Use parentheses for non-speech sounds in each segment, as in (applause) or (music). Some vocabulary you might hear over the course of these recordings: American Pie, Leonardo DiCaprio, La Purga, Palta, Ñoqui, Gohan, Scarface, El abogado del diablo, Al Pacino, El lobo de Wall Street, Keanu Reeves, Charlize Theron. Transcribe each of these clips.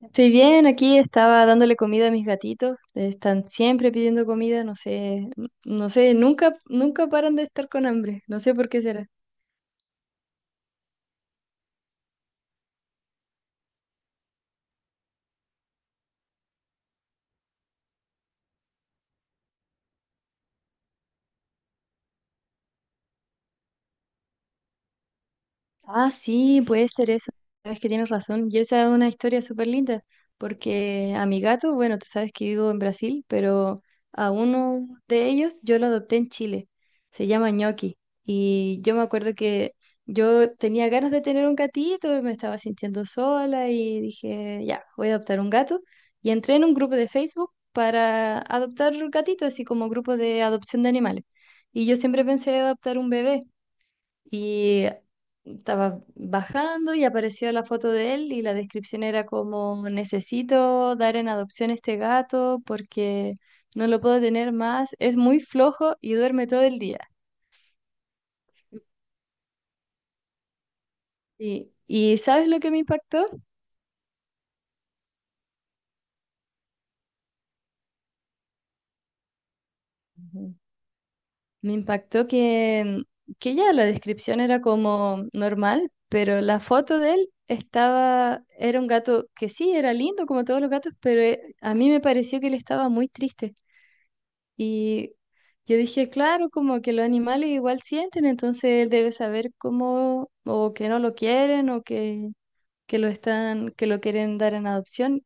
Estoy bien, aquí estaba dándole comida a mis gatitos. Están siempre pidiendo comida, no sé, no sé, nunca paran de estar con hambre. No sé por qué será. Ah, sí, puede ser eso. Sabes que tienes razón. Y esa es una historia súper linda, porque a mi gato, bueno, tú sabes que vivo en Brasil, pero a uno de ellos yo lo adopté en Chile. Se llama Ñoqui. Y yo me acuerdo que yo tenía ganas de tener un gatito, y me estaba sintiendo sola y dije, ya, voy a adoptar un gato. Y entré en un grupo de Facebook para adoptar gatitos, así como grupo de adopción de animales. Y yo siempre pensé adoptar un bebé y estaba bajando y apareció la foto de él y la descripción era como, necesito dar en adopción este gato porque no lo puedo tener más, es muy flojo y duerme todo el día. Y ¿sabes lo que me impactó? Ujú. Me impactó que ya la descripción era como normal, pero la foto de él estaba, era un gato que sí, era lindo como todos los gatos, pero a mí me pareció que él estaba muy triste. Y yo dije, claro, como que los animales igual sienten, entonces él debe saber cómo, o que no lo quieren, o que lo están, que lo quieren dar en adopción.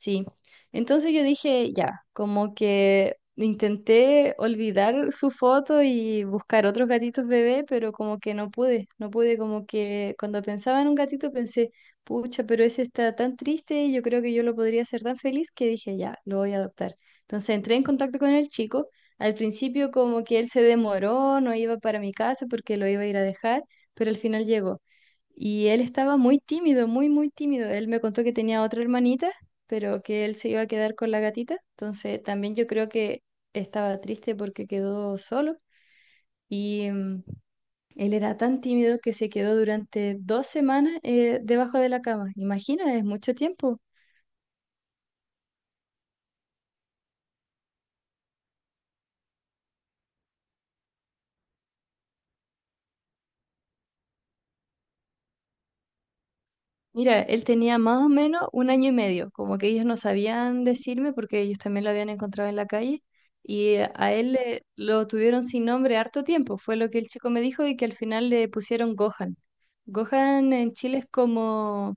Sí, entonces yo dije, ya, como que intenté olvidar su foto y buscar otros gatitos bebé, pero como que no pude, no pude, como que cuando pensaba en un gatito pensé, pucha, pero ese está tan triste, yo creo que yo lo podría hacer tan feliz que dije, ya, lo voy a adoptar. Entonces entré en contacto con el chico, al principio como que él se demoró, no iba para mi casa porque lo iba a ir a dejar, pero al final llegó. Y él estaba muy tímido, muy tímido. Él me contó que tenía otra hermanita pero que él se iba a quedar con la gatita. Entonces también yo creo que estaba triste porque quedó solo y mm, él era tan tímido que se quedó durante dos semanas debajo de la cama. Imagina, es mucho tiempo. Mira, él tenía más o menos un año y medio, como que ellos no sabían decirme porque ellos también lo habían encontrado en la calle y a él lo tuvieron sin nombre harto tiempo, fue lo que el chico me dijo y que al final le pusieron Gohan. Gohan en Chile es como.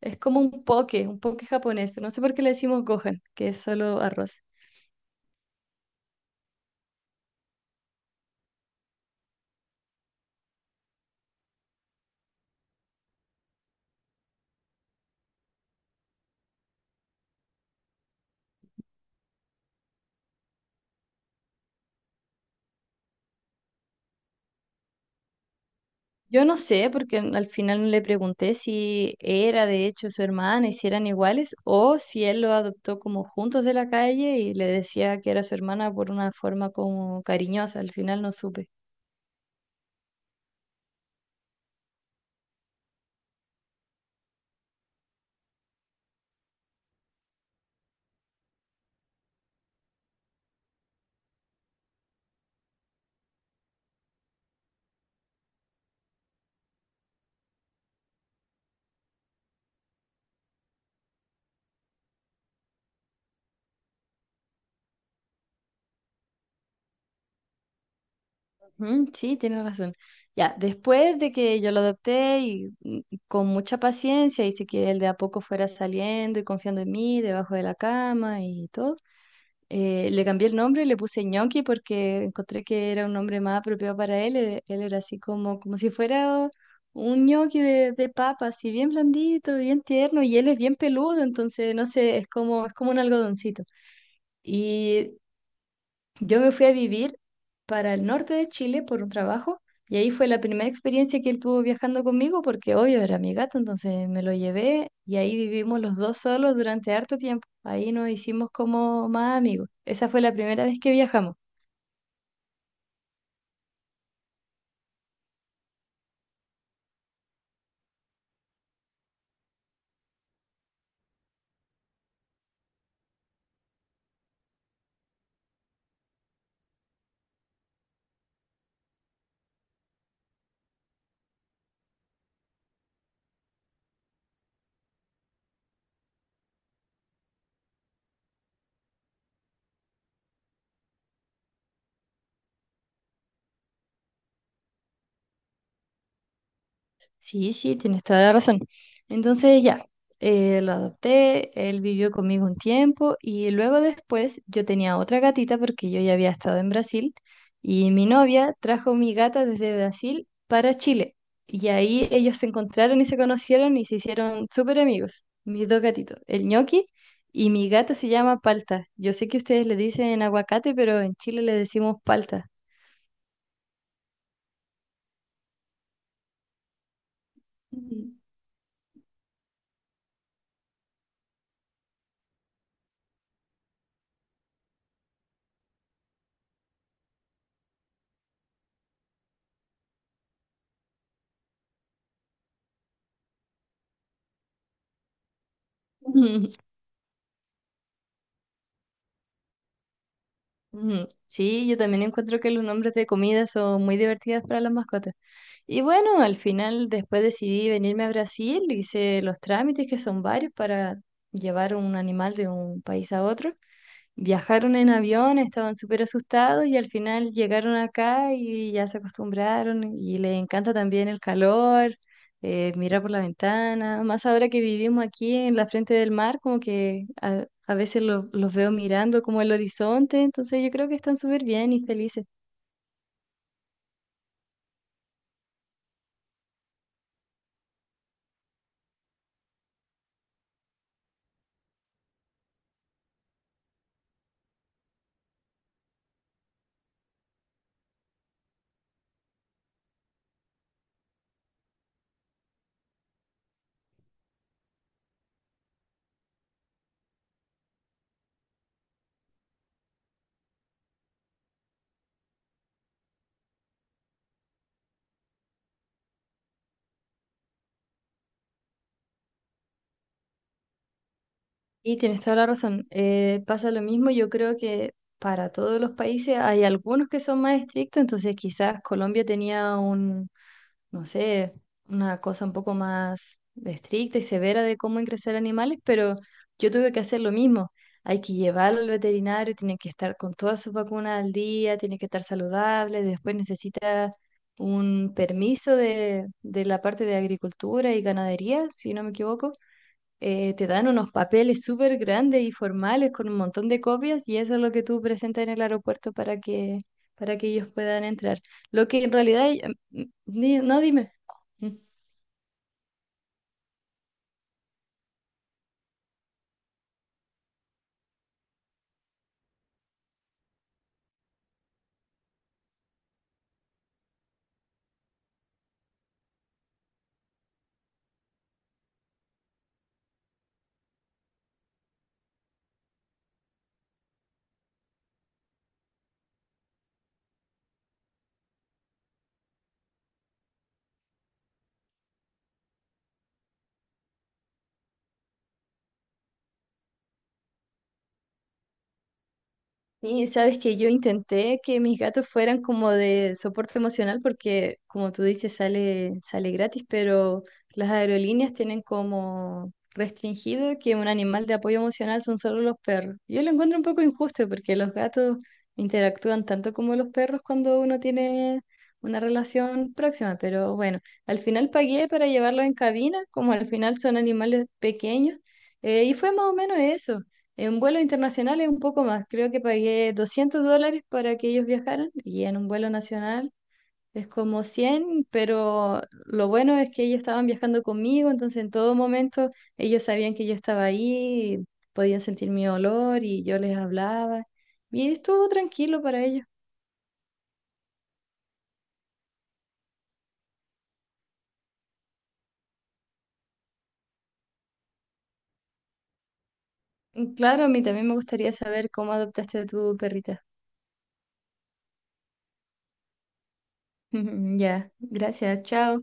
Es como un poke japonés. No sé por qué le decimos Gohan, que es solo arroz. Yo no sé, porque al final no le pregunté si era de hecho su hermana y si eran iguales, o si él lo adoptó como juntos de la calle y le decía que era su hermana por una forma como cariñosa. Al final no supe. Ujú, sí, tiene razón. Ya, después de que yo lo adopté y con mucha paciencia hice que él de a poco fuera saliendo y confiando en mí debajo de la cama y todo. Le cambié el nombre, le puse Ñoqui porque encontré que era un nombre más apropiado para él. Él era así como, como si fuera un ñoqui de papa, así bien blandito, bien tierno, y él es bien peludo, entonces no sé, es como un algodoncito. Y yo me fui a vivir para el norte de Chile por un trabajo y ahí fue la primera experiencia que él tuvo viajando conmigo porque obvio era mi gato, entonces me lo llevé y ahí vivimos los dos solos durante harto tiempo. Ahí nos hicimos como más amigos. Esa fue la primera vez que viajamos. Sí, sí, tienes toda la razón. Entonces ya, lo adopté, él vivió conmigo un tiempo y luego después yo tenía otra gatita porque yo ya había estado en Brasil y mi novia trajo mi gata desde Brasil para Chile y ahí ellos se encontraron y se conocieron y se hicieron súper amigos, mis dos gatitos, el ñoqui y mi gata se llama Palta. Yo sé que ustedes le dicen aguacate, pero en Chile le decimos palta. Ujú. (laughs) Ujú. Sí, yo también encuentro que los nombres de comidas son muy divertidas para las mascotas. Y bueno, al final después decidí venirme a Brasil, hice los trámites que son varios para llevar un animal de un país a otro. Viajaron en avión, estaban súper asustados y al final llegaron acá y ya se acostumbraron y les encanta también el calor, mirar por la ventana, más ahora que vivimos aquí en la frente del mar, como que a veces los veo mirando como el horizonte, entonces yo creo que están súper bien y felices. Y tienes toda la razón, pasa lo mismo, yo creo que para todos los países hay algunos que son más estrictos, entonces quizás Colombia tenía no sé, una cosa un poco más estricta y severa de cómo ingresar animales, pero yo tuve que hacer lo mismo. Hay que llevarlo al veterinario, tiene que estar con todas sus vacunas al día, tiene que estar saludable, después necesita un permiso de la parte de agricultura y ganadería, si no me equivoco. Te dan unos papeles súper grandes y formales con un montón de copias y eso es lo que tú presentas en el aeropuerto para que ellos puedan entrar. Lo que en realidad, no dime. Sí, sabes que yo intenté que mis gatos fueran como de soporte emocional porque, como tú dices, sale gratis, pero las aerolíneas tienen como restringido que un animal de apoyo emocional son solo los perros. Yo lo encuentro un poco injusto porque los gatos interactúan tanto como los perros cuando uno tiene una relación próxima, pero bueno, al final pagué para llevarlos en cabina, como al final son animales pequeños, y fue más o menos eso. En vuelo internacional es un poco más, creo que pagué $200 para que ellos viajaran y en un vuelo nacional es como 100, pero lo bueno es que ellos estaban viajando conmigo, entonces en todo momento ellos sabían que yo estaba ahí, podían sentir mi olor y yo les hablaba y estuvo tranquilo para ellos. Y claro, a mí también me gustaría saber cómo adoptaste a tu perrita. (laughs) Ya, gracias, chao.